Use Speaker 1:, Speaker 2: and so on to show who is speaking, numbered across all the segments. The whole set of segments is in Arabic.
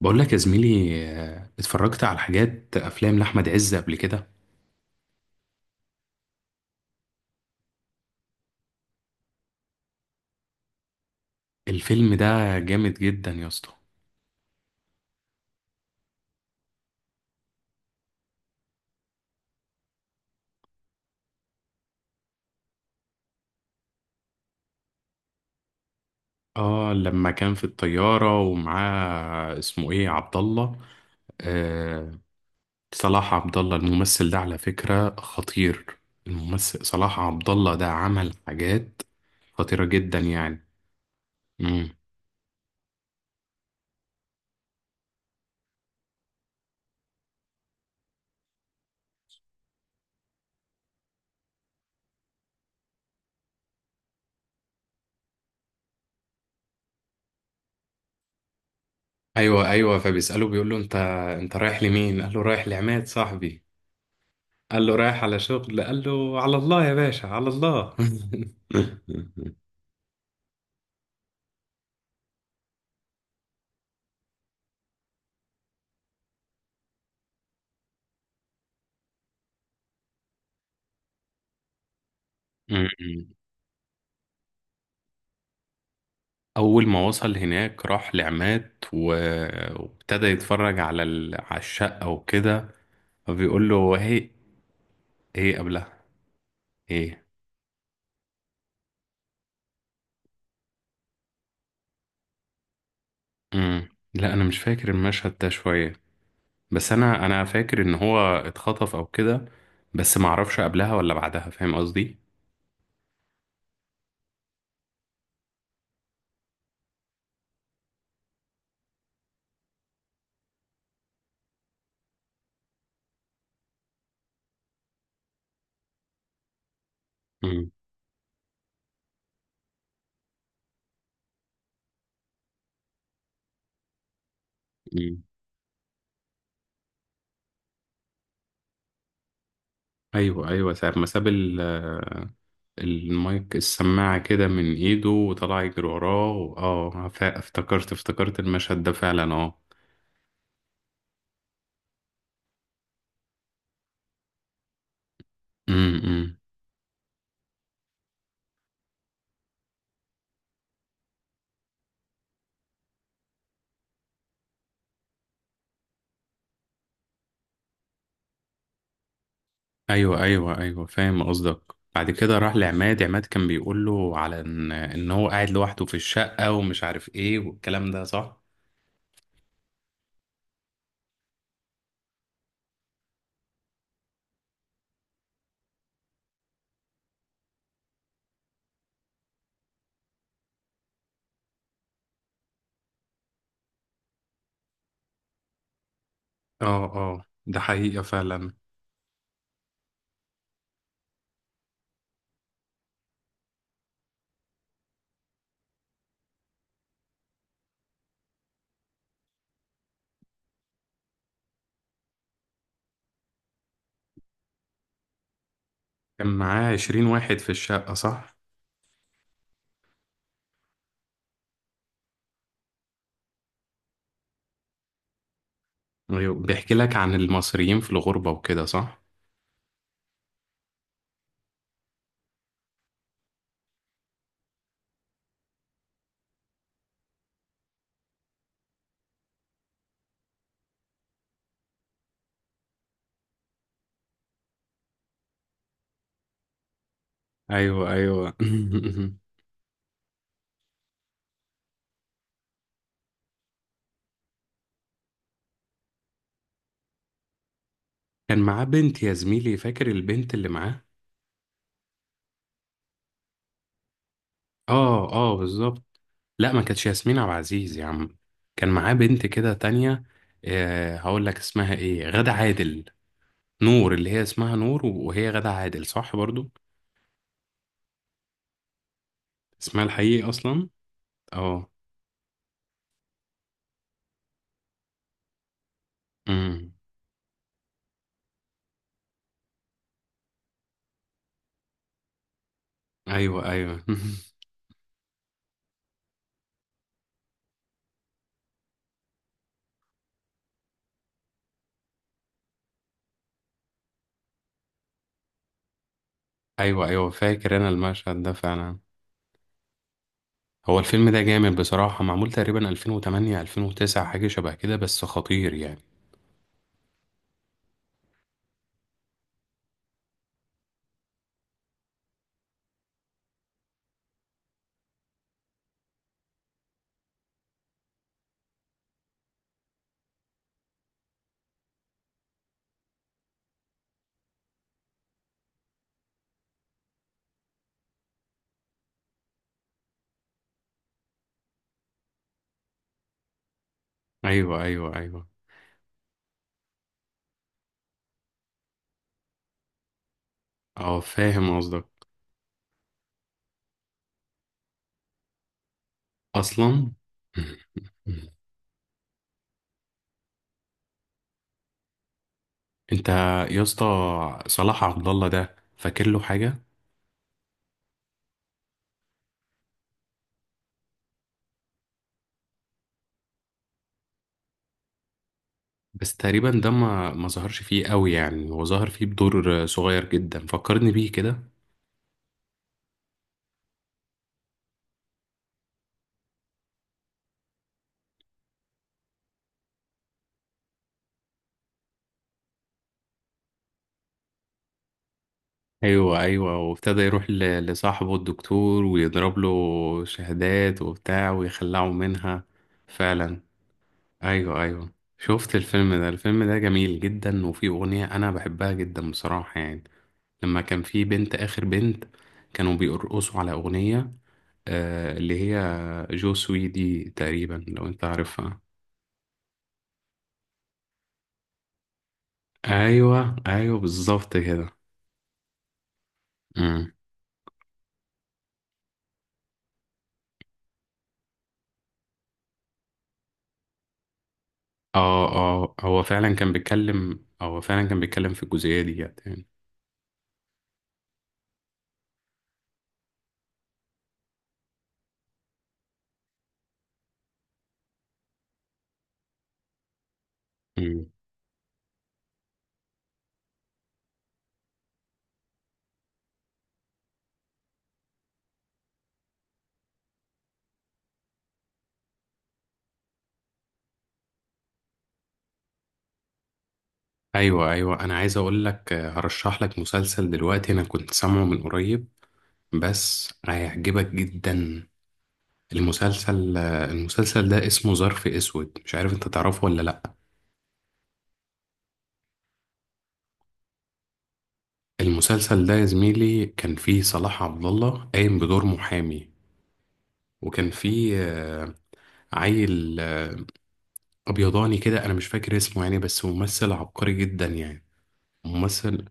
Speaker 1: بقول لك يا زميلي، اتفرجت على حاجات افلام لاحمد عز قبل كده. الفيلم ده جامد جدا يا اسطى. اه، لما كان في الطياره ومعاه اسمه ايه، عبد الله. آه، صلاح عبد الله. الممثل ده على فكره خطير. الممثل صلاح عبد الله ده عمل حاجات خطيره جدا يعني. امم. ايوه، ايوه، فبيساله بيقول له: انت رايح لمين؟ قال له: رايح لعماد صاحبي. قال له: رايح على شغل؟ قال له: على الله يا باشا، على الله. م-م. أول ما وصل هناك راح لعماد وابتدى يتفرج على الشقة وكده. فبيقول له هي قبلها ايه؟ مم. لا، أنا مش فاكر المشهد ده شوية، بس أنا فاكر إن هو اتخطف أو كده، بس معرفش قبلها ولا بعدها، فاهم قصدي؟ مم. مم. أيوه، أيوه، ساعة ما ساب المايك، السماعة كده من ايده وطلع يجري وراه. افتكرت المشهد ده فعلا، اه. امم. إمم. ايوه، ايوه، ايوه، فاهم قصدك. بعد كده راح لعماد. عماد كان بيقول له على ان هو قاعد لوحده في الشقة ومش عارف ايه، والكلام ده صح. اه، اه، ده حقيقة فعلا. كان معاه 20 واحد في الشقة صح؟ ايوه، بيحكي لك عن المصريين في الغربة وكده صح. ايوه، ايوه، كان معاه بنت يا زميلي، فاكر البنت اللي معاه؟ اه، اه، بالظبط. لا، ما كانتش ياسمين عبد العزيز يا عم. كان معاه بنت كده تانية. آه، هقول لك اسمها ايه، غادة عادل. نور، اللي هي اسمها نور، وهي غادة عادل صح برضو. اسمها الحقيقي اصلا. اه. امم. ايوه، ايوه، ايوه، ايوه، فاكر انا المشهد ده فعلا. هو الفيلم ده جامد بصراحة، معمول تقريبا 2008، 2009، حاجة شبه كده، بس خطير يعني. ايوه، ايوه، ايوه، اه، فاهم قصدك. اصلا. انت يا اسطى، صلاح عبد الله ده فاكر له حاجه؟ بس تقريبا ده ما ظهرش فيه قوي يعني، هو ظهر فيه بدور صغير جدا، فكرني بيه كده. ايوه، ايوه، وابتدى يروح لصاحبه الدكتور ويضرب له شهادات وبتاع ويخلعه منها، فعلا. ايوه، ايوه. شفت الفيلم ده؟ الفيلم ده جميل جدا، وفيه اغنيه انا بحبها جدا بصراحه يعني. لما كان فيه بنت، اخر بنت، كانوا بيرقصوا على اغنيه اللي هي جو سوي دي تقريبا، لو انت عارفها. ايوه، ايوه، بالظبط كده. امم. اه، اه، هو فعلا كان بيتكلم في الجزئيه دي يعني. امم. ايوه، ايوه، انا عايز اقول لك، هرشح لك مسلسل دلوقتي، انا كنت سامعه من قريب، بس هيعجبك جدا. المسلسل ده اسمه ظرف اسود، مش عارف انت تعرفه ولا لا. المسلسل ده يا زميلي كان فيه صلاح عبد الله قايم بدور محامي، وكان في عيل ابيضاني كده، انا مش فاكر اسمه يعني، بس ممثل عبقري جدا يعني. ممثل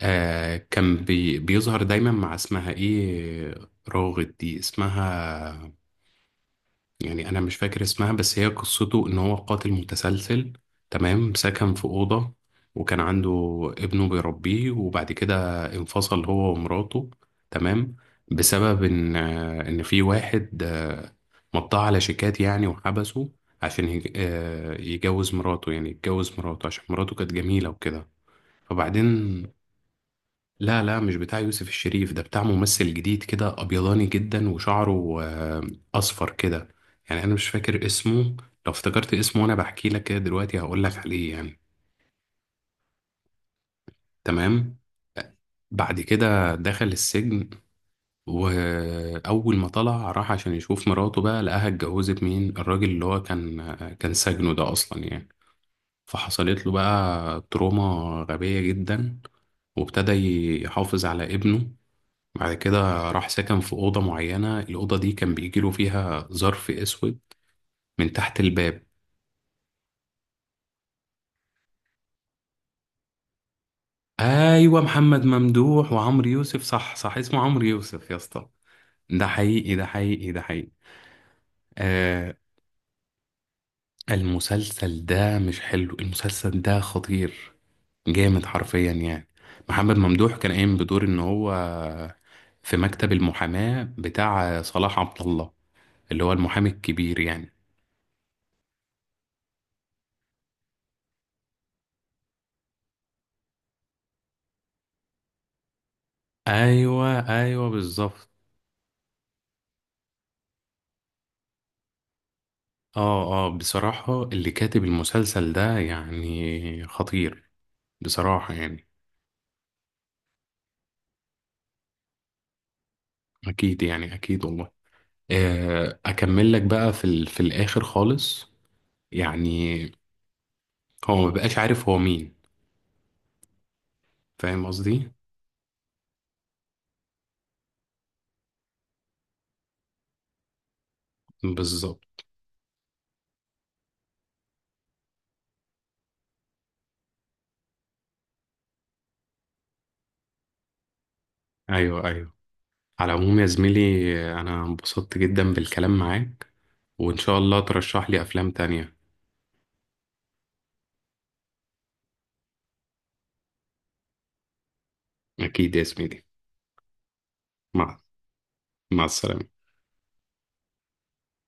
Speaker 1: كان بيظهر دايما مع اسمها ايه، راغد دي اسمها، يعني انا مش فاكر اسمها. بس هي قصته ان هو قاتل متسلسل، تمام، سكن في اوضه، وكان عنده ابنه بيربيه، وبعد كده انفصل هو ومراته، تمام، بسبب ان في واحد مضاه على شيكات يعني وحبسه عشان يجوز مراته يعني يتجوز مراته، عشان مراته كانت جميله وكده. فبعدين، لا، لا، مش بتاع يوسف الشريف ده، بتاع ممثل جديد كده ابيضاني جدا، وشعره اصفر كده، يعني انا مش فاكر اسمه. لو افتكرت اسمه وانا بحكي لك كده دلوقتي هقول لك عليه يعني. تمام. بعد كده دخل السجن، واول ما طلع راح عشان يشوف مراته، بقى لقاها اتجوزت مين، الراجل اللي هو كان سجنه ده اصلا يعني. فحصلت له بقى تروما غبية جدا، وابتدى يحافظ على ابنه. بعد كده راح سكن في أوضة معينة، الأوضة دي كان بيجيله فيها ظرف أسود من تحت الباب. أيوة، محمد ممدوح وعمرو يوسف، صح، صح، اسمه عمرو يوسف يا اسطى. ده حقيقي، ده حقيقي، ده حقيقي. آه. المسلسل ده مش حلو، المسلسل ده خطير، جامد حرفيا يعني. محمد ممدوح كان قايم بدور إن هو في مكتب المحاماة بتاع صلاح عبد الله، اللي هو المحامي الكبير يعني. ايوه، ايوه، بالظبط. اه، اه، بصراحة اللي كاتب المسلسل ده يعني خطير، بصراحة يعني. أكيد يعني، أكيد والله. أكمل لك بقى في الآخر خالص يعني، هو ما بقاش عارف هو مين، فاهم قصدي؟ بالظبط. أيوه، أيوه. على العموم يا زميلي، أنا انبسطت جدا بالكلام معاك، وإن شاء الله ترشح لي أفلام تانية. أكيد يا زميلي. مع مع السلامة.